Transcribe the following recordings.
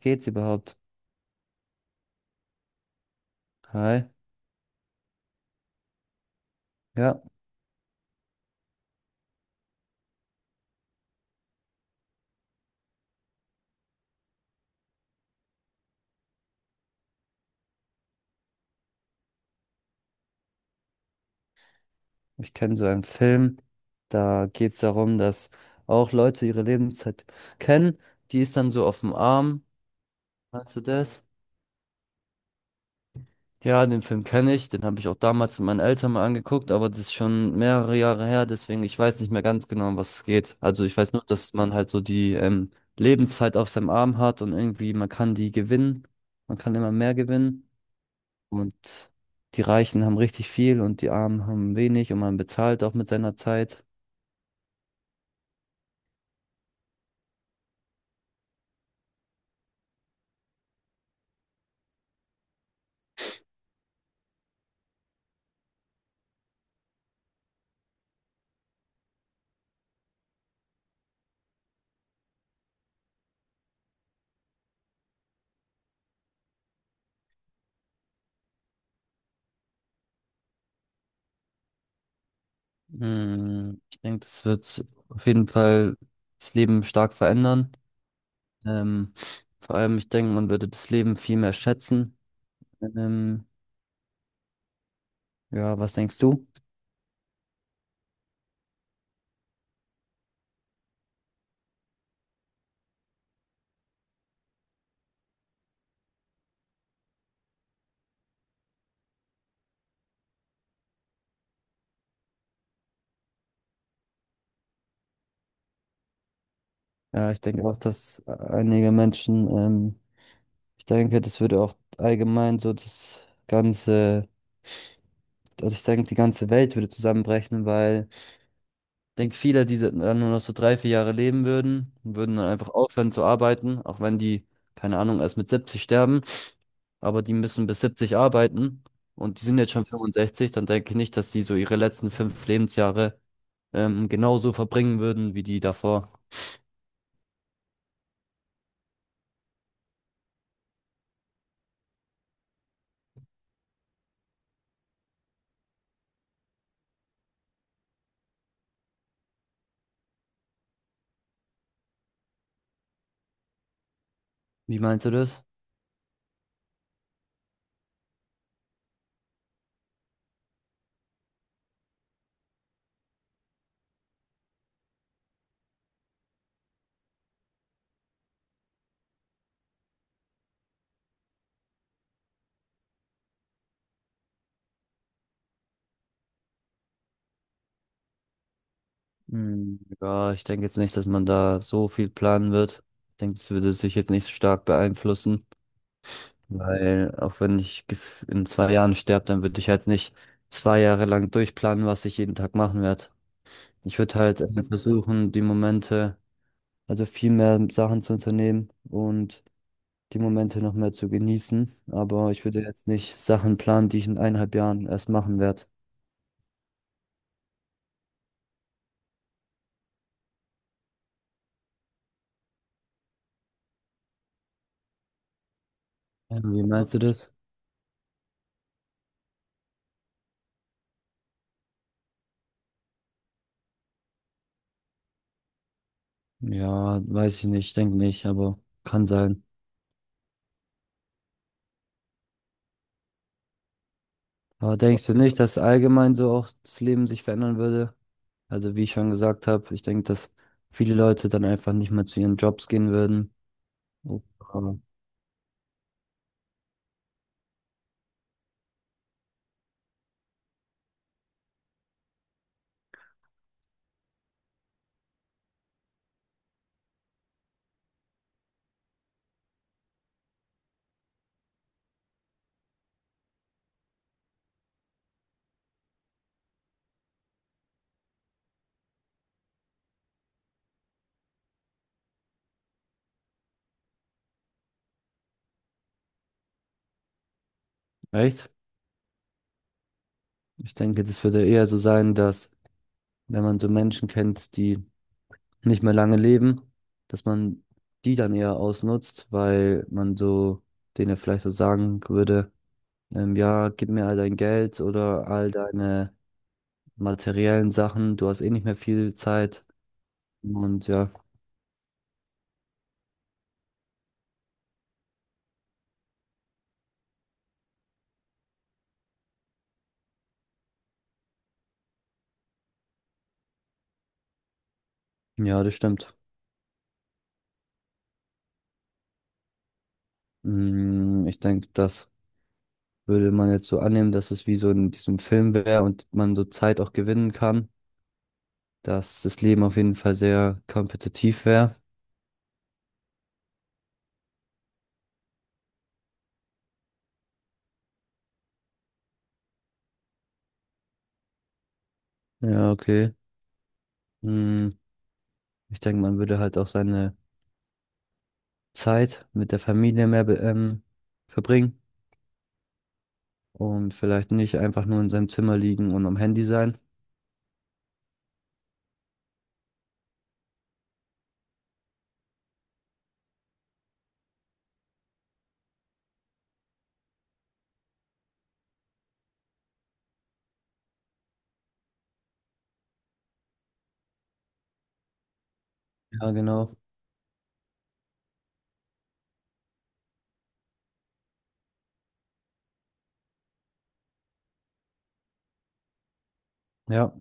Geht's überhaupt? Hi. Ja, ich kenne so einen Film. Da geht's darum, dass auch Leute ihre Lebenszeit kennen. Die ist dann so auf dem Arm. Hast du das? Ja, den Film kenne ich. Den habe ich auch damals mit meinen Eltern mal angeguckt, aber das ist schon mehrere Jahre her. Deswegen, ich weiß nicht mehr ganz genau, um was es geht. Also ich weiß nur, dass man halt so die Lebenszeit auf seinem Arm hat und irgendwie man kann die gewinnen. Man kann immer mehr gewinnen. Und die Reichen haben richtig viel und die Armen haben wenig und man bezahlt auch mit seiner Zeit. Hm, ich denke, das wird auf jeden Fall das Leben stark verändern. Ähm, Vor allem, ich denke, man würde das Leben viel mehr schätzen. Ähm, ja, was denkst du? Ja, ich denke auch, dass einige Menschen, ich denke, das würde auch allgemein so das ganze, also ich denke, die ganze Welt würde zusammenbrechen, weil denke, viele, die dann nur noch so drei, vier Jahre leben würden, würden dann einfach aufhören zu arbeiten, auch wenn die, keine Ahnung, erst mit 70 sterben. Aber die müssen bis 70 arbeiten und die sind jetzt schon 65, dann denke ich nicht, dass die so ihre letzten fünf Lebensjahre genauso verbringen würden wie die davor. Wie meinst du das? Hm, ja, ich denke jetzt nicht, dass man da so viel planen wird. Ich denke, das würde sich jetzt nicht so stark beeinflussen. Weil auch wenn ich in zwei Jahren sterbe, dann würde ich halt nicht zwei Jahre lang durchplanen, was ich jeden Tag machen werde. Ich würde halt versuchen, die Momente, also viel mehr Sachen zu unternehmen und die Momente noch mehr zu genießen. Aber ich würde jetzt nicht Sachen planen, die ich in eineinhalb Jahren erst machen werde. Wie meinst du das? Ja, weiß ich nicht, denke nicht, aber kann sein. Aber denkst du nicht, dass allgemein so auch das Leben sich verändern würde? Also wie ich schon gesagt habe, ich denke, dass viele Leute dann einfach nicht mehr zu ihren Jobs gehen würden. Oh, echt? Ich denke, das würde eher so sein, dass wenn man so Menschen kennt, die nicht mehr lange leben, dass man die dann eher ausnutzt, weil man so denen vielleicht so sagen würde, ja, gib mir all dein Geld oder all deine materiellen Sachen, du hast eh nicht mehr viel Zeit. Und ja, ja, das stimmt. Mm, ich denke, das würde man jetzt so annehmen, dass es wie so in diesem Film wäre und man so Zeit auch gewinnen kann, dass das Leben auf jeden Fall sehr kompetitiv wäre. Ja, okay. Mm, ich denke, man würde halt auch seine Zeit mit der Familie mehr verbringen und vielleicht nicht einfach nur in seinem Zimmer liegen und am Handy sein. Ja, genau. Ja,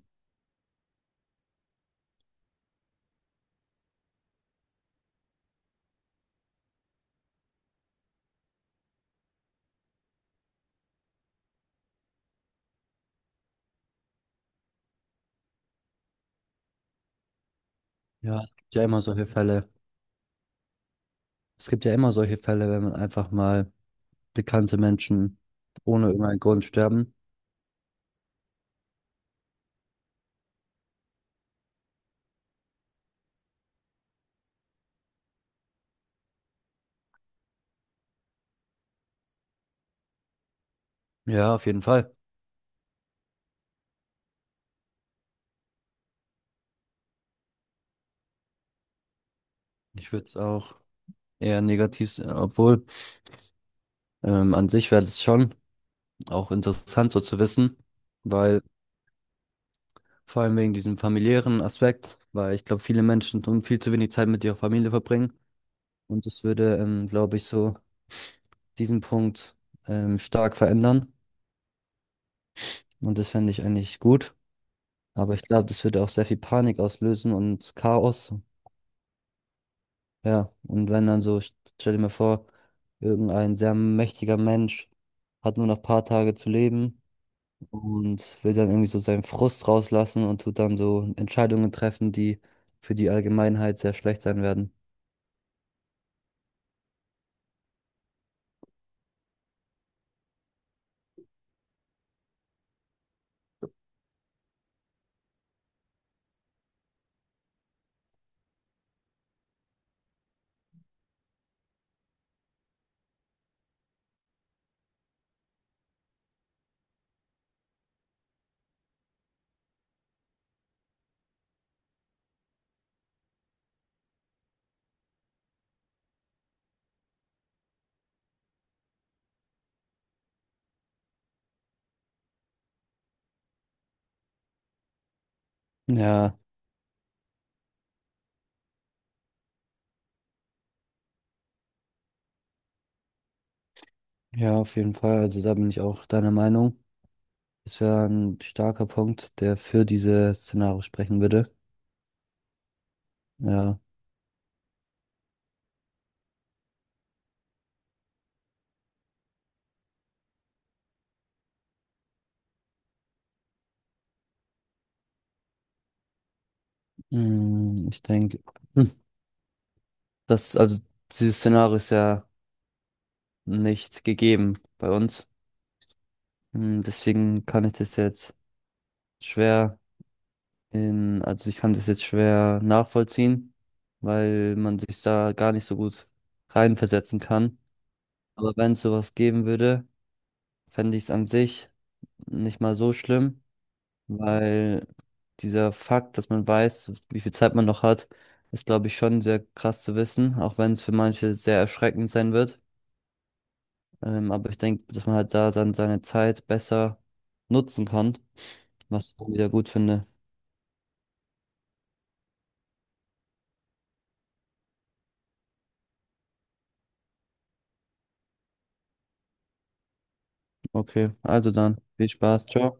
ja, es gibt ja immer solche Fälle. Es gibt ja immer solche Fälle, wenn man einfach mal bekannte Menschen ohne irgendeinen Grund sterben. Ja, auf jeden Fall. Ich würde es auch eher negativ sehen, obwohl an sich wäre es schon auch interessant so zu wissen, weil vor allem wegen diesem familiären Aspekt, weil ich glaube, viele Menschen tun viel zu wenig Zeit mit ihrer Familie verbringen und das würde, glaube ich, so diesen Punkt stark verändern und das fände ich eigentlich gut, aber ich glaube, das würde auch sehr viel Panik auslösen und Chaos, ja, und wenn dann so, stell dir mal vor, irgendein sehr mächtiger Mensch hat nur noch ein paar Tage zu leben und will dann irgendwie so seinen Frust rauslassen und tut dann so Entscheidungen treffen, die für die Allgemeinheit sehr schlecht sein werden. Ja, ja, auf jeden Fall. Also da bin ich auch deiner Meinung. Das wäre ein starker Punkt, der für diese Szenario sprechen würde. Ja, mm, ich denke, hm, das, also dieses Szenario ist ja nicht gegeben bei uns. Hm, deswegen kann ich das jetzt schwer In, also ich kann das jetzt schwer nachvollziehen, weil man sich da gar nicht so gut reinversetzen kann. Aber wenn es sowas geben würde, fände ich es an sich nicht mal so schlimm, weil dieser Fakt, dass man weiß, wie viel Zeit man noch hat, ist, glaube ich, schon sehr krass zu wissen, auch wenn es für manche sehr erschreckend sein wird. Aber ich denke, dass man halt da dann seine Zeit besser nutzen kann, was ich dann wieder gut finde. Okay, also dann, viel Spaß, ciao.